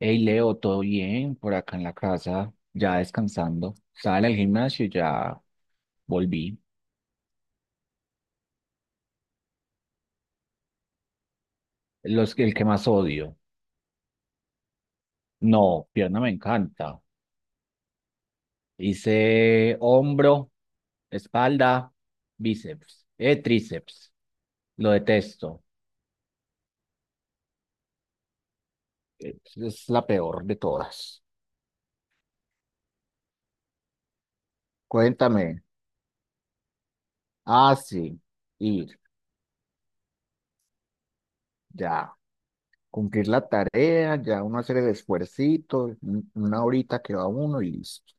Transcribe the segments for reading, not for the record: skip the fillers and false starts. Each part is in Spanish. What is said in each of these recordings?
Hey Leo, ¿todo bien? Por acá en la casa, ya descansando. Estaba en el gimnasio y ya volví. El que más odio. No, pierna me encanta. Hice hombro, espalda, bíceps, tríceps. Lo detesto. Es la peor de todas. Cuéntame. Ah, sí. Ir, ya. Cumplir la tarea, ya uno hacer el esfuercito, una horita que va uno y listo.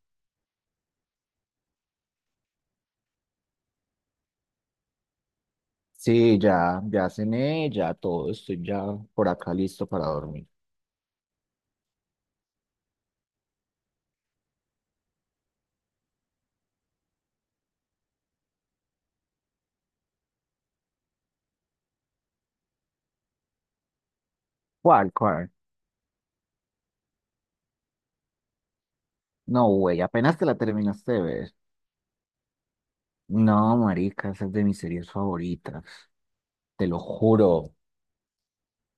Sí, ya, ya cené, ya todo, estoy ya por acá listo para dormir. ¿Cuál, cuál? No, güey, apenas te la terminaste de ver. No, marica, esa es de mis series favoritas, te lo juro,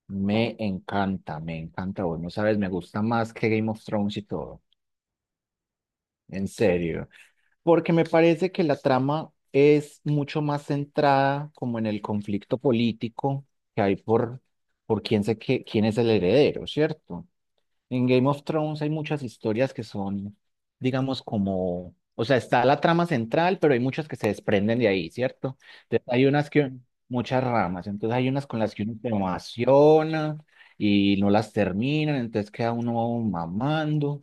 me encanta, güey, no sabes, me gusta más que Game of Thrones y todo, en serio, porque me parece que la trama es mucho más centrada como en el conflicto político que hay por quién, quién es el heredero, ¿cierto? En Game of Thrones hay muchas historias que son, digamos, como, o sea, está la trama central, pero hay muchas que se desprenden de ahí, ¿cierto? Entonces, muchas ramas, entonces hay unas con las que uno se emociona y no las terminan, entonces queda uno mamando.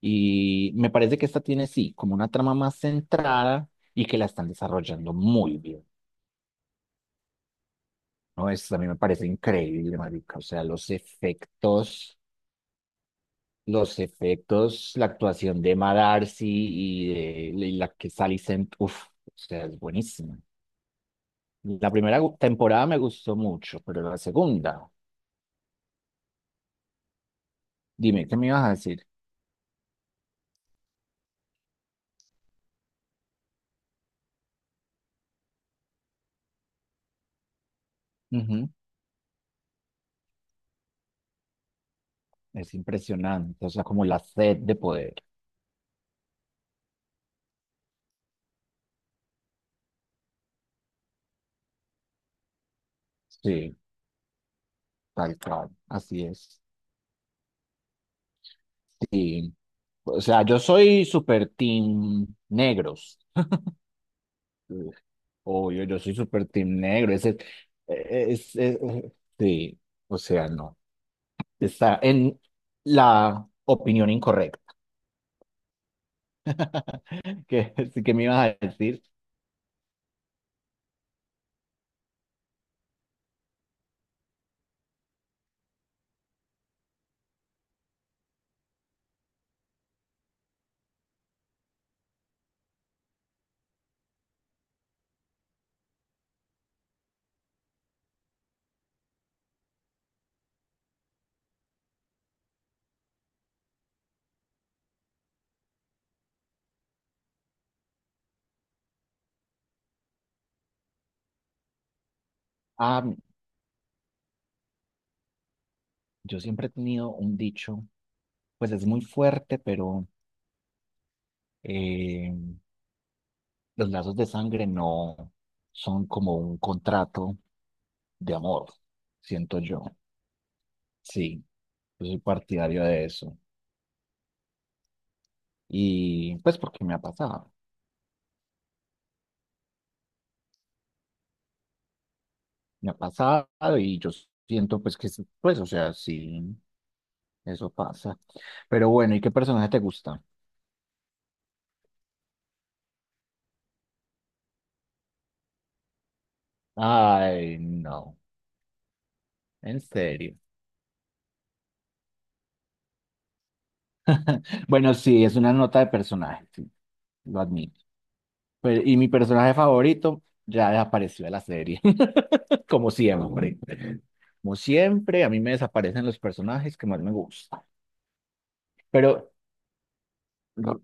Y me parece que esta tiene, sí, como una trama más centrada y que la están desarrollando muy bien, ¿no? Eso a mí me parece increíble, marica, o sea, los efectos. Los efectos, la actuación de Emma Darcy y la que Sally Sent, uff, o sea, es buenísima. La primera temporada me gustó mucho, pero la segunda, dime, ¿qué me ibas a decir? Ujú. Es impresionante, o sea, como la sed de poder. Sí, tal cual, así es. Sí, o sea, yo soy super team negros. Uf, obvio, yo soy super team negro, ese, es, es, es- e, e, sí, o sea, no. Está en la opinión incorrecta. ¿Qué, qué me ibas a decir? Ah, yo siempre he tenido un dicho, pues es muy fuerte, pero eh, los lazos de sangre no son como un contrato de amor, siento yo. Sí, yo soy partidario de eso. Y pues porque me ha pasado. Me ha pasado y yo siento pues que, sí, pues, o sea, sí, eso pasa. Pero bueno, ¿y qué personaje te gusta? Ay, no, en serio. Bueno, sí, es una nota de personaje, sí, lo admito. Y mi personaje favorito ya desapareció de la serie, como siempre. Como siempre, a mí me desaparecen los personajes que más me gustan. Pero r-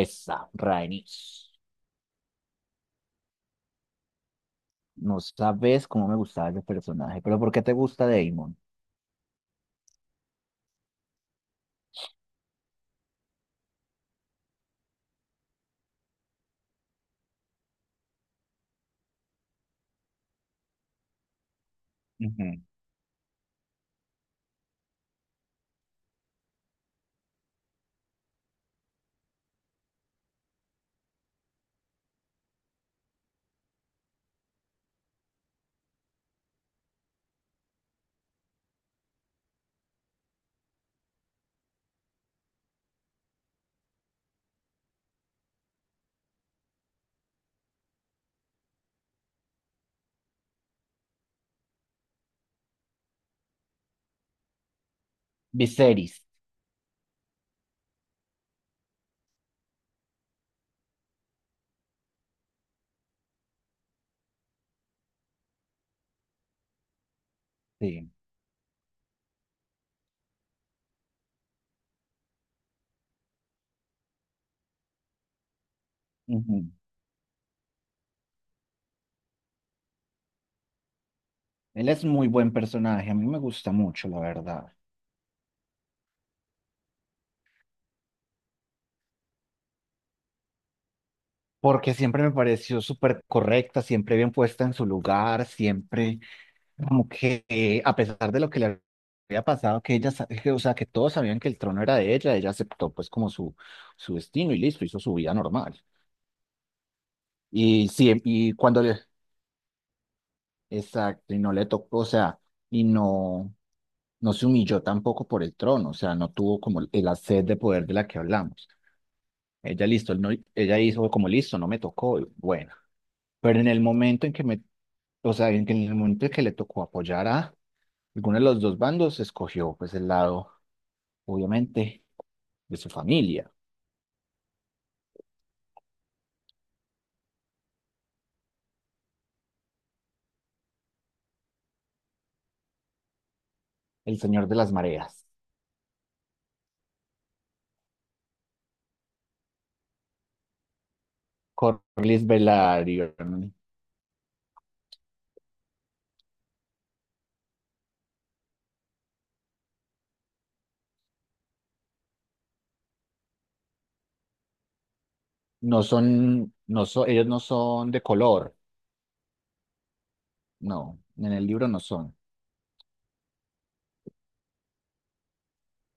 esa, Rhaenys. No sabes cómo me gustaba ese personaje, pero ¿por qué te gusta Damon? Ujú. Viserys, sí. Ujú. Él es muy buen personaje, a mí me gusta mucho, la verdad. Porque siempre me pareció súper correcta, siempre bien puesta en su lugar, siempre como que a pesar de lo que le había pasado, que ella, que, o sea, que todos sabían que el trono era de ella, ella aceptó pues como su destino y listo, hizo su vida normal. Y sí, exacto, y no le tocó, o sea, y no. No se humilló tampoco por el trono, o sea, no tuvo como la sed de poder de la que hablamos. Ella listo, no, ella hizo como listo, no me tocó, y bueno, pero en el momento o sea, en que- en el momento en que le tocó apoyar a alguno de los dos bandos, escogió pues el lado, obviamente, de su familia, el señor de las mareas, Corlys Velaryon. No son, ellos no son de color, no, en el libro no son.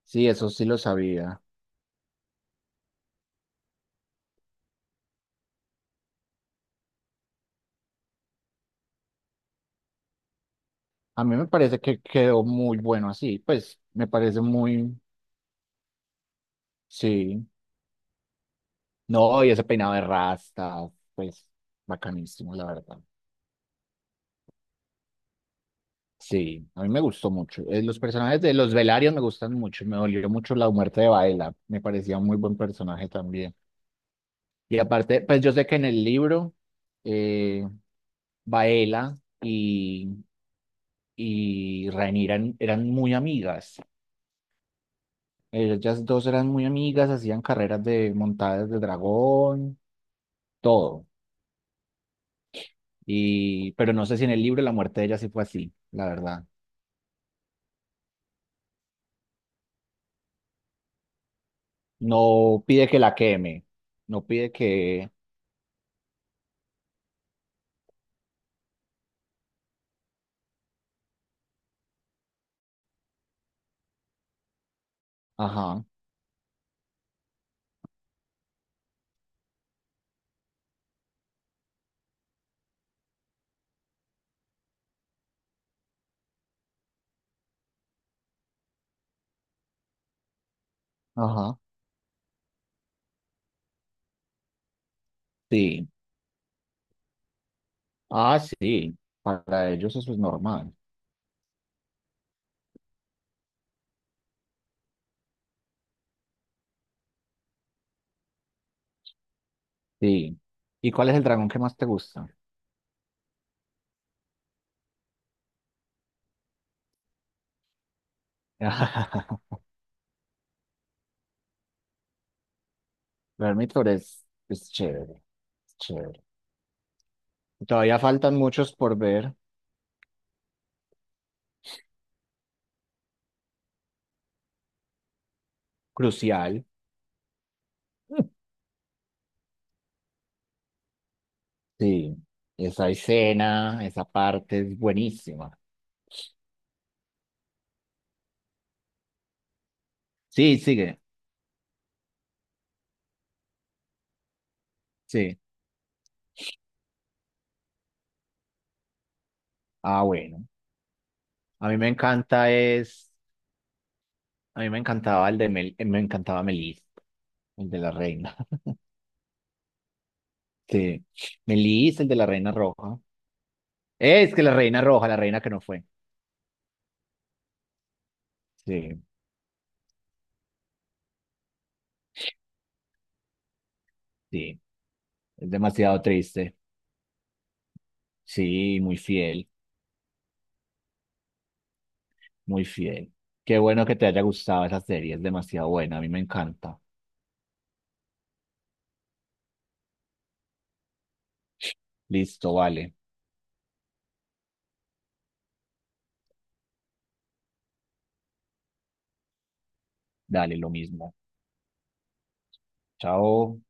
Sí, eso sí lo sabía. A mí me parece que quedó muy bueno así, pues me parece muy, sí. No, y ese peinado de rasta, pues bacanísimo, la verdad. Sí, a mí me gustó mucho. Los personajes de los Velarios me gustan mucho. Me dolió mucho la muerte de Baela. Me parecía un muy buen personaje también. Y aparte, pues yo sé que en el libro, eh, Baela y Rhaenyra eran muy amigas. Ellas dos eran muy amigas, hacían carreras de montadas de dragón, todo. Pero no sé si en el libro la muerte de ella sí fue así, la verdad. No pide que la queme, no pide que... Ajá, ajá, sí. Ah, sí, para ellos eso es normal, sí. ¿Y cuál es el dragón que más te gusta? Vermithor es chévere, es chévere. Todavía faltan muchos por ver, crucial. Sí, esa escena, esa parte es buenísima. Sí, sigue, sí. Ah, bueno, a mí me encanta es... A mí me encantaba el de Mel, me encantaba Melis, el de la reina. Sí. Melis, el de la reina roja. Es que la reina roja, la reina que no fue. Sí, sí. Es demasiado triste. Sí, muy fiel, muy fiel. Qué bueno que te haya gustado esa serie, es demasiado buena, a mí me encanta. Listo, vale. Dale, lo mismo. Chao.